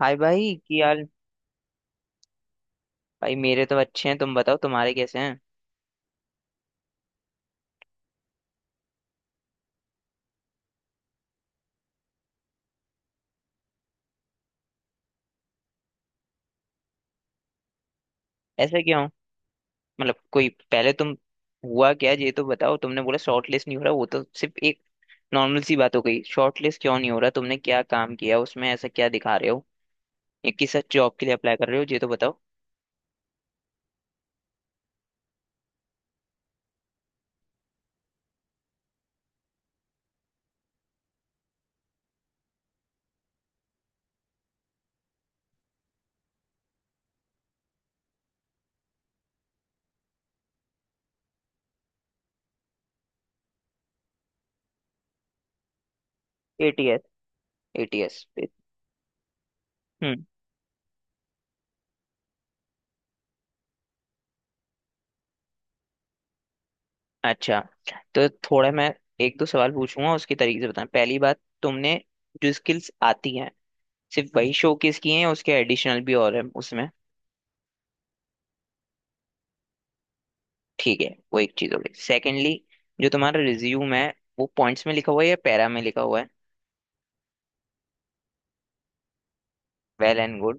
हाय भाई कि यार। भाई मेरे तो अच्छे हैं, तुम बताओ तुम्हारे कैसे हैं। ऐसा क्यों? मतलब कोई पहले तुम हुआ क्या ये तो बताओ। तुमने बोला शॉर्ट लिस्ट नहीं हो रहा, वो तो सिर्फ एक नॉर्मल सी बात हो गई। शॉर्ट लिस्ट क्यों नहीं हो रहा? तुमने क्या काम किया उसमें, ऐसा क्या दिखा रहे हो या किस जॉब के लिए अप्लाई कर रहे हो ये तो बताओ। एटीएस। एटीएस। हम्म। अच्छा, तो थोड़ा मैं एक दो सवाल पूछूंगा उसके तरीके से बताना। पहली बात, तुमने जो स्किल्स आती हैं सिर्फ वही शोकेस किए हैं या उसके एडिशनल भी और हैं उसमें? ठीक है, वो एक चीज हो गई। सेकेंडली, जो तुम्हारा रिज्यूम है वो पॉइंट्स में लिखा हुआ है या पैरा में लिखा हुआ है? Well and good.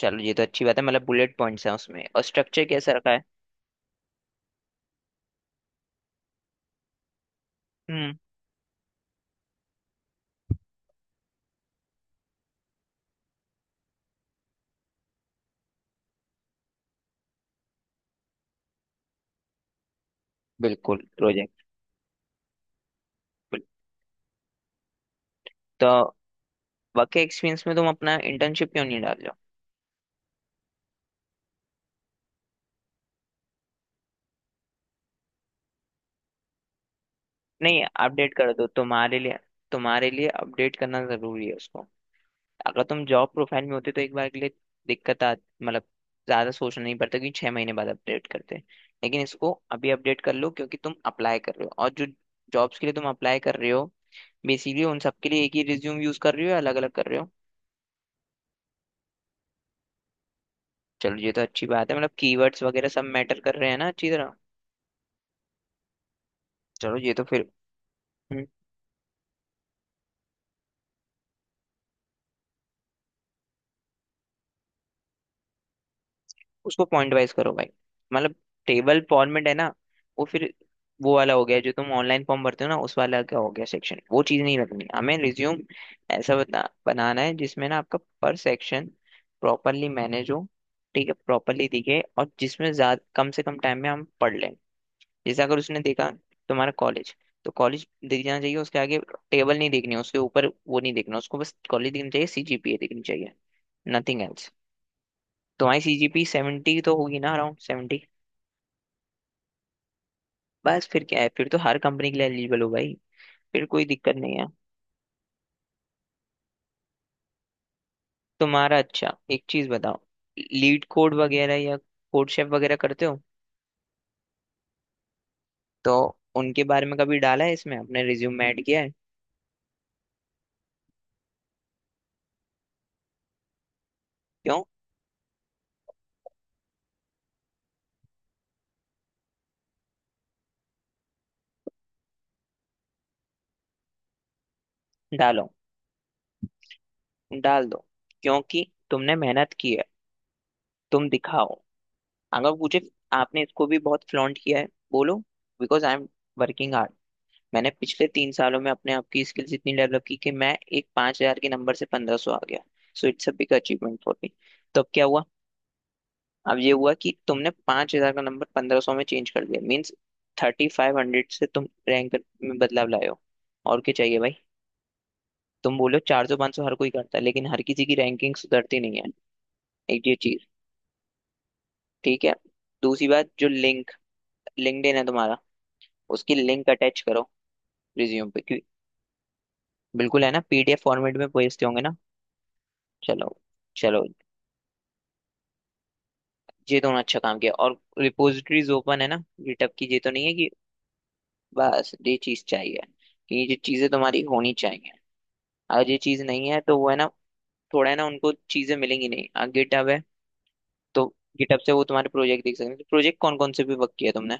चलो ये तो अच्छी बात है, मतलब बुलेट पॉइंट्स हैं उसमें। और स्ट्रक्चर कैसा रखा है? हम्म। बिल्कुल प्रोजेक्ट। तो वर्क एक्सपीरियंस में तुम अपना इंटर्नशिप क्यों नहीं डाल रहे हो? नहीं, अपडेट कर दो। तुम्हारे लिए, तुम्हारे लिए अपडेट करना जरूरी है उसको। अगर तुम जॉब प्रोफाइल में होते तो एक बार के लिए दिक्कत आ, मतलब ज्यादा सोचना नहीं पड़ता क्योंकि 6 महीने बाद अपडेट करते हैं। लेकिन इसको अभी अपडेट कर लो क्योंकि तुम अप्लाई कर रहे हो। और जो जॉब्स के लिए तुम अप्लाई कर रहे हो बेसिकली उन सब के लिए एक ही रिज्यूम यूज कर रहे हो या अलग अलग कर रहे हो? चलो ये तो अच्छी बात है, मतलब कीवर्ड्स वगैरह सब मैटर कर रहे हैं ना अच्छी तरह। चलो ये तो फिर। उसको पॉइंट वाइज करो भाई। मतलब टेबल फॉर्मेट है ना, वो फिर वो वाला हो गया जो तुम ऑनलाइन फॉर्म भरते हो ना, उस वाला का हो गया सेक्शन। वो चीज़ नहीं रखनी हमें रिज्यूम। ऐसा बनाना है जिसमें ना आपका पर सेक्शन प्रॉपरली मैनेज हो। ठीक है, प्रॉपरली दिखे और जिसमें ज्यादा कम से कम टाइम में हम पढ़ लें। जैसे अगर उसने देखा तुम्हारा कॉलेज, तो कॉलेज दिख जाना चाहिए उसके आगे। टेबल नहीं देखनी है, उसके ऊपर वो नहीं देखना उसको, बस कॉलेज दिखनी चाहिए, सीजीपीए दिखनी चाहिए। Nothing else. तुम्हारी सीजीपी 70 तो होगी ना, अराउंड 70? बस फिर क्या है, फिर तो हर कंपनी के लिए एलिजिबल हो भाई। फिर कोई दिक्कत नहीं है। तुम्हारा अच्छा, एक चीज बताओ, लीड कोड वगैरह या कोड शेफ वगैरह करते हो? तो उनके बारे में कभी डाला है इसमें, अपने रिज्यूम में ऐड किया है? क्यों? डालो। डाल दो। क्योंकि तुमने मेहनत की है, तुम दिखाओ। अगर पूछे, आपने इसको भी बहुत फ्लॉन्ट किया है, बोलो, because I am working hard. मैंने पिछले 3 सालों में अपने आप की स्किल्स इतनी डेवलप की कि मैं एक 5,000 के नंबर से 1500 आ गया। So it's a big achievement for me. तो अब क्या हुआ, अब ये हुआ कि तुमने 5,000 का नंबर 1500 में चेंज कर दिया, मीन्स 3500 से तुम रैंक में बदलाव लाए हो। और क्या चाहिए भाई। तुम बोलो, 400 500 हर कोई करता है लेकिन हर किसी की रैंकिंग सुधरती नहीं है। एक ये चीज। ठीक है। दूसरी बात, जो लिंक लिंक्डइन है तुम्हारा, उसकी लिंक अटैच करो। रिज्यूम पे क्यों? बिल्कुल है ना, पीडीएफ फॉर्मेट में भेजते होंगे ना। चलो। चलो, ये दोनों अच्छा काम किया। और रिपोजिटरीज ओपन है ना गिटहब की, ये तो नहीं है कि? बस ये चीज चाहिए कि ये चीजें तुम्हारी होनी चाहिए। अगर ये चीज नहीं है तो वो है ना, थोड़ा है ना उनको चीजें मिलेंगी नहीं, गिटहब है तो गिटहब से वो तुम्हारे प्रोजेक्ट देख सकते हैं। तो प्रोजेक्ट कौन कौन से भी वर्क किया तुमने?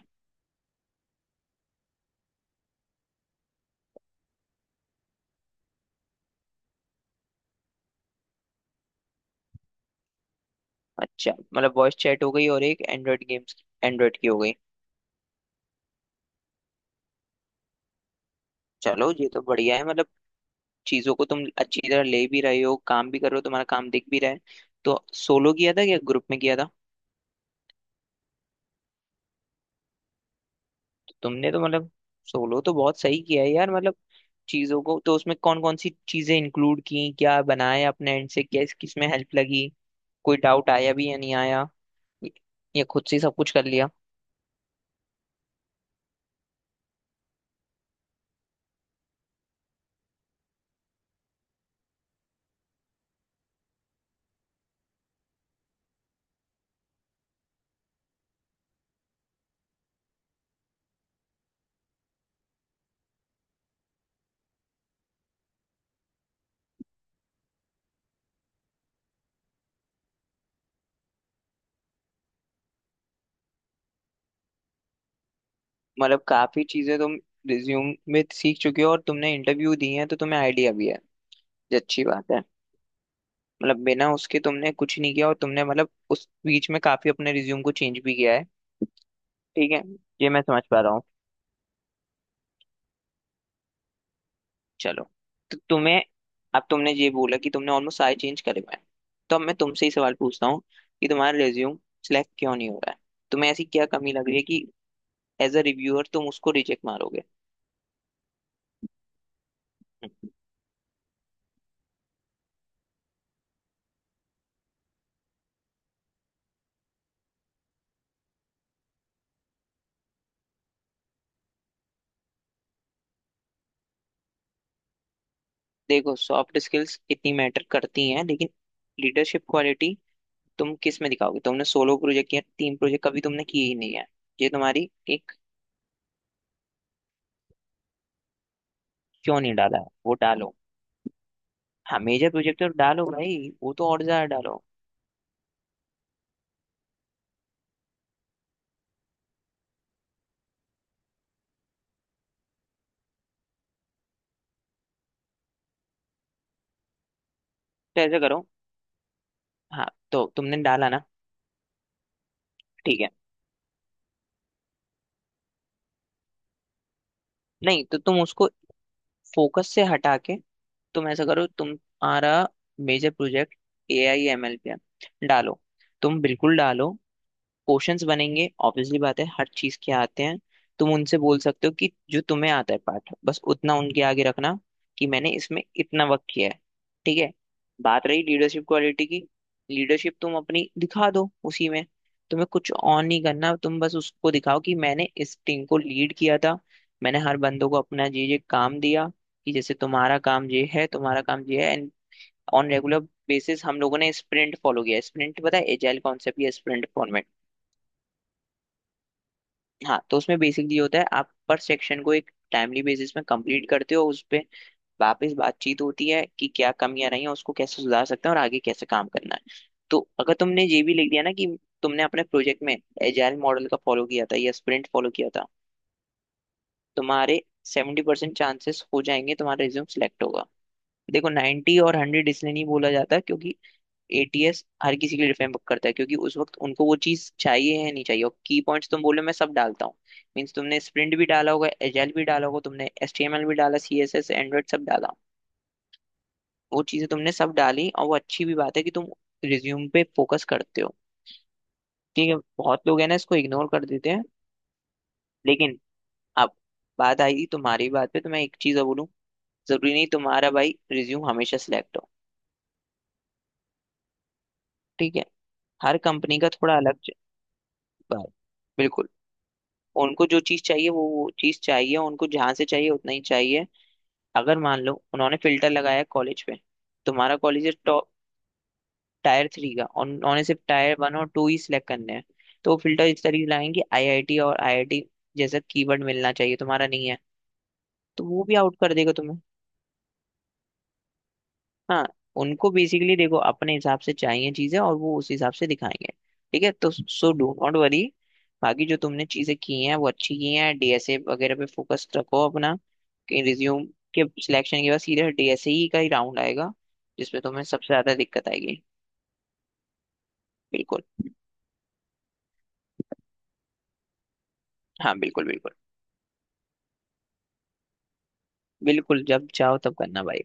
अच्छा, मतलब वॉइस चैट हो गई और एक एंड्रॉइड गेम्स, एंड्रॉइड की हो गई। चलो ये तो बढ़िया है, मतलब चीजों को तुम अच्छी तरह ले भी रहे हो, काम भी कर रहे हो, तुम्हारा काम दिख भी रहा है। तो सोलो किया था या ग्रुप में किया था? तो तुमने तो मतलब, सोलो तो बहुत सही किया है यार, मतलब चीजों को। तो उसमें कौन कौन सी चीजें इंक्लूड की, क्या बनाया अपने एंड से, क्या किस में हेल्प लगी, कोई डाउट आया भी या नहीं आया, ये खुद से ही सब कुछ कर लिया? मतलब काफी चीजें तुम रिज्यूम में सीख चुके हो और तुमने इंटरव्यू दिए हैं तो तुम्हें आइडिया भी है। ये अच्छी बात है। मतलब बिना उसके तुमने कुछ नहीं किया और तुमने, मतलब उस बीच में काफी अपने रिज्यूम को चेंज भी किया है। ठीक है, ये मैं समझ पा रहा हूँ। चलो। तो तुम्हें, अब तुमने ये बोला कि तुमने ऑलमोस्ट सारे चेंज करे हुए हैं। तो अब मैं तुमसे ही सवाल पूछता हूँ कि तुम्हारा रिज्यूम सिलेक्ट क्यों नहीं हो रहा है? तुम्हें ऐसी क्या कमी लग रही है कि एज अ रिव्यूअर तुम उसको रिजेक्ट मारोगे? देखो, सॉफ्ट स्किल्स इतनी मैटर करती हैं लेकिन लीडरशिप क्वालिटी तुम किस में दिखाओगे? तुमने सोलो प्रोजेक्ट किया, टीम प्रोजेक्ट कभी तुमने किए ही नहीं है। ये तुम्हारी एक। क्यों नहीं डाला है, वो डालो। हाँ मेजर प्रोजेक्ट तो डालो भाई, वो तो और ज्यादा डालो। तो ऐसे करो। हाँ, तो तुमने डाला ना। ठीक है। नहीं तो तुम उसको फोकस से हटा के, तुम ऐसा करो, तुम्हारा मेजर प्रोजेक्ट AI ML पे है, डालो, तुम बिल्कुल डालो। क्वेश्चंस बनेंगे ऑब्वियसली, बात है, हर चीज के आते हैं। तुम उनसे बोल सकते हो कि जो तुम्हें आता है पाठ बस उतना उनके आगे रखना कि मैंने इसमें इतना वक्त किया है। ठीक है। बात रही लीडरशिप क्वालिटी की, लीडरशिप तुम अपनी दिखा दो उसी में। तुम्हें कुछ ऑन नहीं करना, तुम बस उसको दिखाओ कि मैंने इस टीम को लीड किया था, मैंने हर बंदों को अपना ये काम दिया, कि जैसे तुम्हारा काम ये है, तुम्हारा काम ये है। एंड ऑन रेगुलर बेसिस हम लोगों ने स्प्रिंट फॉलो किया। स्प्रिंट पता है, एजाइल कॉन्सेप्ट या स्प्रिंट? हाँ, तो उसमें बेसिकली होता है आप पर सेक्शन को एक टाइमली बेसिस में कंप्लीट करते हो, उस पे वापस बातचीत होती है कि क्या कमियां रही हैं, उसको कैसे सुधार सकते हैं और आगे कैसे काम करना है। तो अगर तुमने ये भी लिख दिया ना कि तुमने अपने प्रोजेक्ट में एजाइल मॉडल का फॉलो किया था या स्प्रिंट फॉलो किया था, तुम्हारे 70% चांसेस हो जाएंगे तुम्हारा रिज्यूम सिलेक्ट होगा। देखो 90 और 100 इसलिए नहीं बोला जाता क्योंकि एटीएस हर किसी के लिए डिफरेंट करता है क्योंकि उस वक्त उनको वो चीज चाहिए, है नहीं चाहिए। और की पॉइंट्स तुम बोलो, मैं सब डालता हूँ, मीन्स तुमने स्प्रिंट भी डाला होगा, एजाइल भी डाला होगा, तुमने एचटीएमएल भी डाला, सीएसएस, एंड्रॉइड, सब डाला। वो चीजें तुमने सब डाली और वो अच्छी भी बात है कि तुम रिज्यूम पे फोकस करते हो। ठीक है, बहुत लोग है ना इसको इग्नोर कर देते हैं। लेकिन अब बात आई तुम्हारी बात पे, तो मैं एक चीज और बोलूँ, जरूरी नहीं तुम्हारा भाई रिज्यूम हमेशा सिलेक्ट हो। ठीक है, हर कंपनी का थोड़ा अलग बात, बिल्कुल। उनको जो चीज चाहिए वो चीज चाहिए, उनको जहां से चाहिए उतना ही चाहिए। अगर मान लो उन्होंने फिल्टर लगाया कॉलेज पे, तुम्हारा कॉलेज है टॉप टायर 3 का और उन्होंने सिर्फ टायर 1 और 2 ही सिलेक्ट करने हैं, तो वो फिल्टर इस तरीके से लगाएंगे आईआईटी और आईआईटी जैसा कीवर्ड मिलना चाहिए, तुम्हारा नहीं है, तो वो भी आउट कर देगा तुम्हें। हाँ। उनको बेसिकली देखो अपने हिसाब से चाहिए चीजें और वो उस हिसाब से दिखाएंगे। ठीक है, तो सो डू नॉट वरी। बाकी जो तुमने चीजें की हैं वो अच्छी की हैं। डीएसए वगैरह पे फोकस रखो अपना। रिज्यूम के सिलेक्शन के बाद सीधे डीएसई का ही राउंड आएगा जिसमें तुम्हें सबसे ज्यादा दिक्कत आएगी। बिल्कुल। हाँ बिल्कुल बिल्कुल। बिल्कुल जब चाहो तब करना भाई।